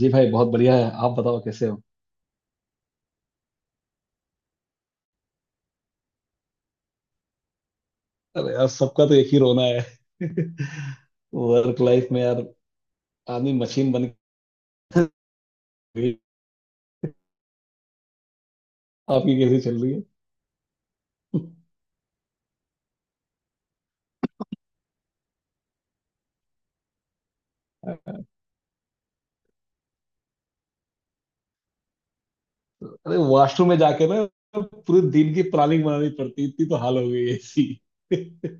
जी भाई, बहुत बढ़िया है। आप बताओ, कैसे हो? अरे यार, सबका तो एक ही रोना है। वर्क लाइफ में यार, आदमी मशीन बन गई। आपकी कैसी चल रही है? अरे वॉशरूम में जाके ना पूरे दिन की प्लानिंग बनानी पड़ती है, इतनी तो हाल हो गई है ऐसी।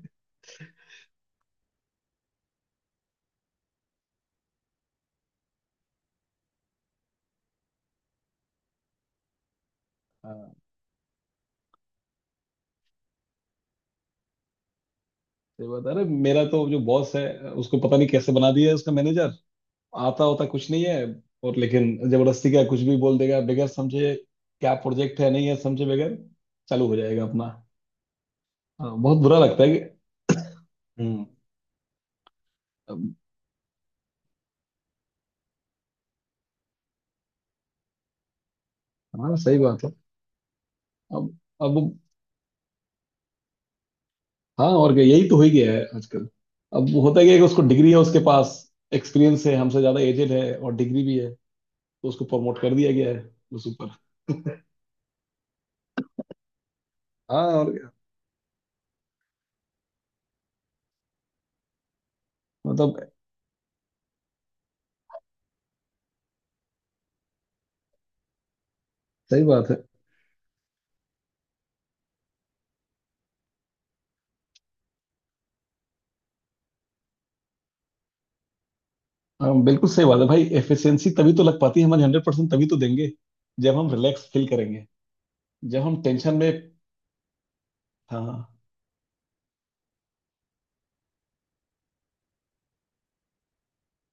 हाँ सही बात है। अरे मेरा तो जो बॉस है, उसको पता नहीं कैसे बना दिया है उसका मैनेजर। आता होता कुछ नहीं है, और लेकिन जबरदस्ती का कुछ भी बोल देगा बगैर समझे। क्या प्रोजेक्ट है नहीं है समझे बगैर चालू हो जाएगा अपना। हाँ, बहुत बुरा लगता है। हम्म। अब। हाँ सही बात है। अब। हाँ और क्या, यही तो हो ही गया है आजकल। अब वो होता क्या है कि उसको डिग्री है, उसके पास एक्सपीरियंस है हमसे ज्यादा, एजेड है और डिग्री भी है, तो उसको प्रमोट कर दिया गया है उस ऊपर। हाँ और क्या। मतलब, सही बात है। हाँ बिल्कुल सही बात है भाई, एफिशिएंसी तभी तो लग पाती है हमारी। 100% तभी तो देंगे जब हम रिलैक्स फील करेंगे। जब हम टेंशन में। हाँ।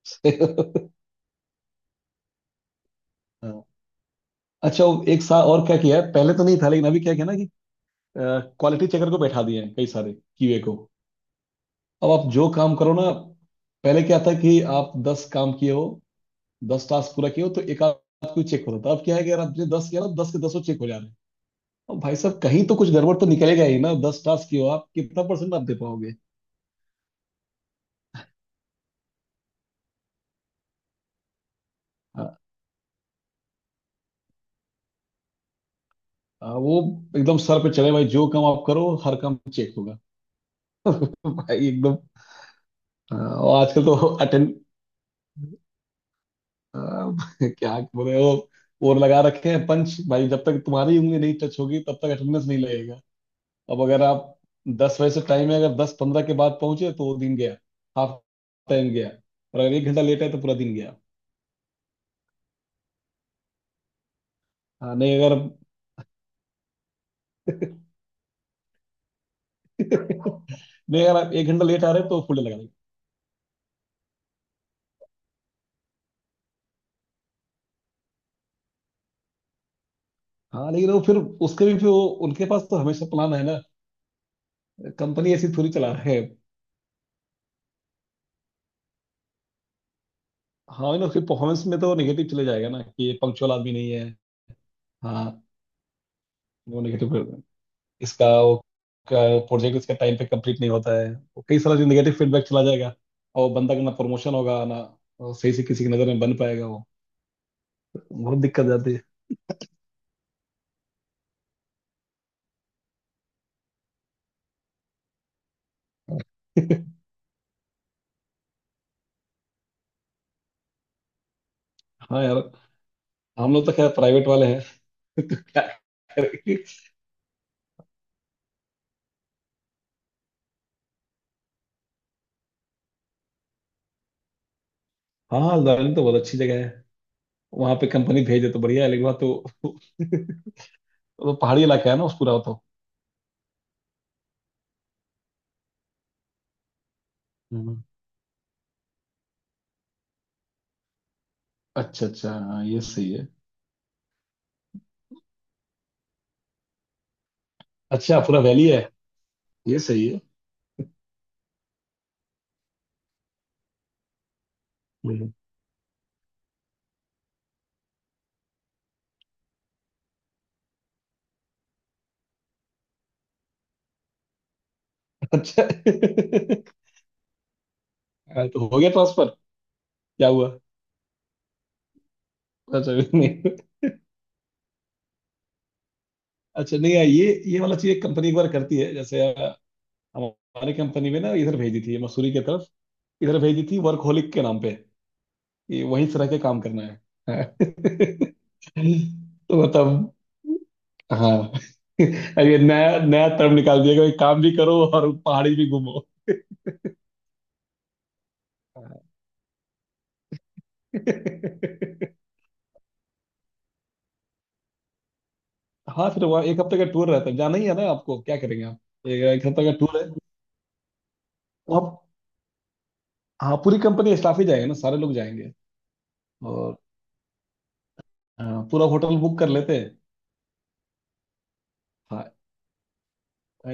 हाँ अच्छा, वो 1 साल और क्या किया है, पहले तो नहीं था लेकिन अभी क्या किया ना कि क्वालिटी चेकर को बैठा दिए हैं कई सारे। QA को। अब आप जो काम करो ना, पहले क्या था कि आप 10 काम किए हो, 10 टास्क पूरा किए हो तो एक आध कोई चेक होता था। अब क्या है कि यार, आपने 10 किया ना, 10 के दसों चेक हो जा रहे हैं। अब भाई साहब, कहीं तो कुछ गड़बड़ तो निकलेगा ही ना। 10 टास्क किए हो आप, कितना परसेंट आप दे पाओगे? हाँ। हाँ, वो एकदम सर पे चढ़े भाई, जो काम आप करो हर काम चेक होगा। भाई एकदम। हाँ, और आजकल तो। अटेंड क्या बोले वो? और लगा रखे हैं पंच भाई, जब तक तुम्हारी उंगली नहीं टच होगी तब तक अटेंडेंस नहीं लगेगा। अब अगर आप 10 बजे से टाइम है, अगर 10:15 के बाद पहुंचे तो वो दिन गया। हाफ टाइम गया। और अगर 1 घंटा लेट है तो पूरा दिन गया। हाँ, नहीं अगर। नहीं, अगर आप 1 घंटा लेट आ रहे हैं तो फुल लगा देंगे। हाँ लेकिन वो फिर, उसके भी फिर वो, उनके पास तो हमेशा प्लान है ना। कंपनी ऐसी थोड़ी चला रहे हैं। हाँ ना, फिर परफॉर्मेंस में तो नेगेटिव चले जाएगा ना कि ये पंक्चुअल आदमी नहीं है। हाँ, वो नेगेटिव इसका, वो प्रोजेक्ट इसका टाइम पे कंप्लीट नहीं होता है, वो कई सारा निगेटिव फीडबैक चला जाएगा। और बंदा का ना प्रमोशन होगा, ना वो सही से किसी की नज़र में बन पाएगा वो। बहुत दिक्कत जाती है। हाँ यार, हम लोग तो खैर प्राइवेट वाले हैं। हाँ, दार्जिलिंग तो बहुत अच्छी जगह है। वहाँ पे कंपनी भेजे तो बढ़िया है, लेकिन वहाँ तो वो तो पहाड़ी इलाका है ना उस पूरा वो तो। हम्म। अच्छा अच्छा, हाँ ये सही है। अच्छा पूरा वैली है। ये सही है। हम्म। अच्छा। हाँ, तो हो गया ट्रांसफर? क्या हुआ? अच्छा नहीं। अच्छा नहीं यार, ये वाला चीज एक कंपनी एक बार करती है, जैसे हमारी कंपनी में ना इधर भेजी थी मसूरी की तरफ। इधर भेजी थी वर्कहोलिक के नाम पे। ये वहीं से रह के काम करना है। तो मतलब। हाँ। अब ये नया नया टर्म निकाल दिया कि काम भी करो और पहाड़ी भी घूमो। हाँ, फिर वहाँ 1 हफ्ते का टूर रहता है, जाना ही है ना आपको, क्या करेंगे आप। एक हफ्ते का टूर है। तो आप। हाँ, पूरी कंपनी स्टाफ ही जाएगा ना, सारे लोग जाएंगे। और। हाँ, पूरा होटल बुक कर लेते हैं। हाँ,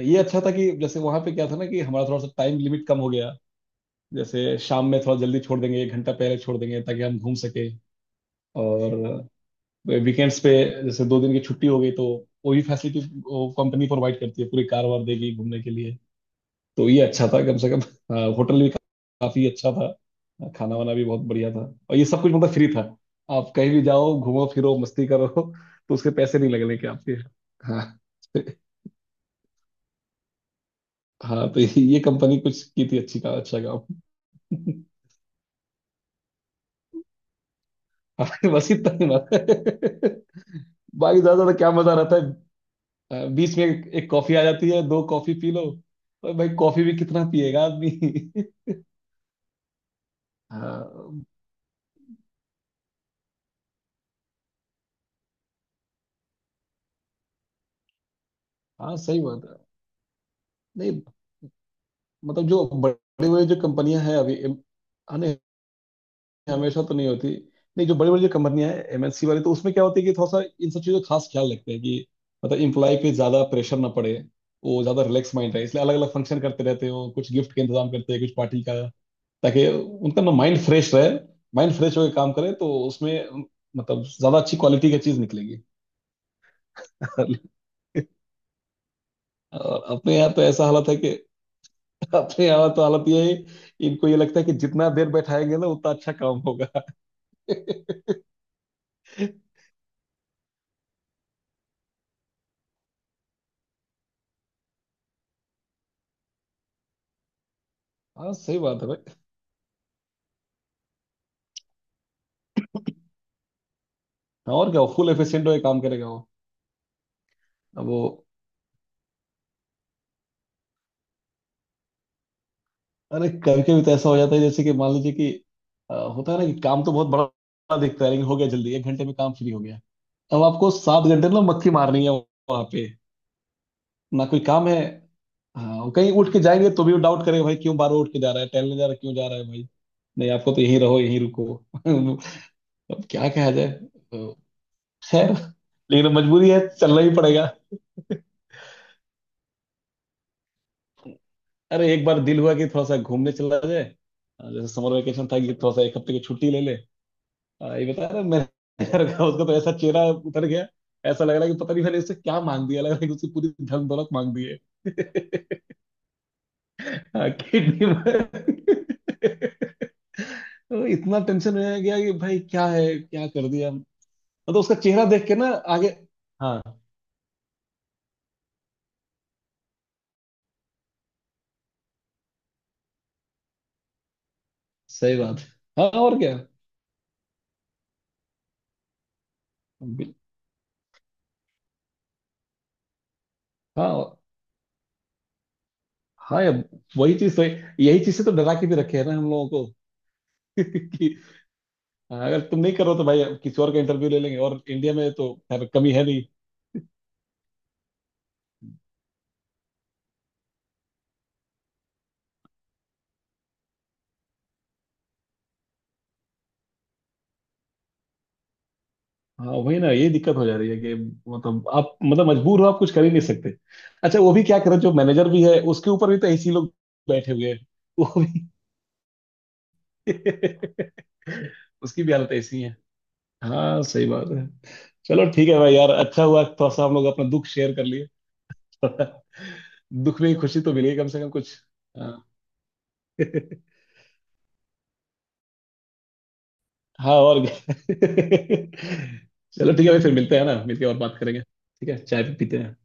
ये अच्छा था कि जैसे वहां पे क्या था ना कि हमारा थोड़ा सा टाइम लिमिट कम हो गया। जैसे शाम में थोड़ा जल्दी छोड़ देंगे, 1 घंटा पहले छोड़ देंगे, ताकि हम घूम सके। और वीकेंड्स पे, जैसे 2 दिन की छुट्टी हो गई, तो वो भी फैसिलिटी वो कंपनी प्रोवाइड करती है, पूरी कार वार देगी घूमने के लिए। तो ये अच्छा था कम से कम। हाँ, होटल भी काफी अच्छा था, खाना वाना भी बहुत बढ़िया था। और ये सब कुछ मतलब फ्री था, आप कहीं भी जाओ घूमो फिरो मस्ती करो, तो उसके पैसे नहीं लगने के आपके। हाँ। हाँ, तो ये कंपनी कुछ की थी अच्छी का, अच्छा काम। हमारे बस इतना ही मजा। भाई, ज्यादा ज्यादा क्या मजा रहता है। बीच में एक कॉफी आ जाती है, 2 कॉफी पी लो। और भाई, कॉफी भी कितना पिएगा आदमी। हाँ। हाँ सही बात है। नहीं मतलब, जो बड़ी बड़ी जो कंपनियां हैं अभी। हाँ नहीं, हमेशा तो नहीं होती। नहीं, जो बड़ी बड़ी जो कंपनियां हैं MNC वाली, तो उसमें क्या होती है कि थोड़ा सा इन सब चीज़ों का खास ख्याल रखते हैं कि मतलब, इम्प्लॉय पे ज्यादा प्रेशर ना पड़े, वो ज्यादा रिलैक्स माइंड रहे, इसलिए अलग अलग फंक्शन करते रहते हो, कुछ गिफ्ट का इंतजाम करते हैं कुछ पार्टी का, ताकि उनका ना माइंड फ्रेश रहे। माइंड फ्रेश होकर काम करे तो उसमें मतलब ज्यादा अच्छी क्वालिटी की चीज निकलेगी। और अपने यहाँ तो ऐसा हालत है कि, अपने यहाँ तो हालत ये है, इनको ये लगता है कि जितना देर बैठाएंगे ना, उतना अच्छा काम होगा। हाँ सही बात है भाई। हाँ, और क्या, फुल एफिशिएंट होकर काम करेगा वो। अब वो। अरे कभी कभी तो ऐसा हो जाता है, जैसे कि मान लीजिए कि होता है ना कि काम तो बहुत बड़ा दिखता है लेकिन हो गया जल्दी, 1 घंटे में काम फ्री हो गया। अब आपको 7 घंटे ना मक्खी मारनी है वहां पे, ना कोई काम है। हाँ, और कहीं उठ के जाएंगे तो भी डाउट करेंगे भाई, क्यों बार उठ के जा रहा है, टहलने जा रहा है, क्यों जा रहा है भाई। नहीं, आपको तो यहीं रहो यहीं रुको। अब क्या कहा जाए। तो खैर। लेकिन मजबूरी है, चलना ही पड़ेगा। अरे एक बार दिल हुआ कि थोड़ा सा घूमने चला जाए, जैसे समर वेकेशन था कि थोड़ा सा 1 हफ्ते की छुट्टी ले ले। ये बता रहा मेरे घर का। उसका तो ऐसा चेहरा उतर गया। ऐसा लग रहा है कि पता नहीं मैंने इससे क्या मांग दिया, लग रहा है कि उसकी पूरी धन दौलत मांग दी है। हाँ, किडनी में। इतना टेंशन में आ गया कि भाई क्या है, क्या कर दिया मतलब। उसका चेहरा देख के ना। आगे। हाँ सही बात है। हाँ और क्या। बिल- हाँ और। हाँ यार, वही चीज सही, यही चीज से तो डरा के भी रखे हैं ना हम लोगों को। कि। हाँ, अगर तुम नहीं करो तो भाई किसी और का इंटरव्यू ले लेंगे, और इंडिया में तो खैर कमी है। हाँ वही ना, ये दिक्कत हो जा रही है कि मतलब आप, मतलब मजबूर हो आप, कुछ कर ही नहीं सकते। अच्छा, वो भी क्या करें, जो मैनेजर भी है उसके ऊपर भी तो ऐसे ही लोग बैठे हुए हैं। वो भी। उसकी भी हालत ऐसी है। हाँ सही बात है। चलो ठीक है भाई यार, अच्छा हुआ थोड़ा सा हम लोग अपना दुख शेयर कर लिए। थोड़ा दुख में ही खुशी तो मिलेगी कम से कम कुछ। हाँ। हाँ और क्या। चलो ठीक है भाई, फिर मिलते हैं ना, मिलके और बात करेंगे, ठीक है चाय भी पीते हैं।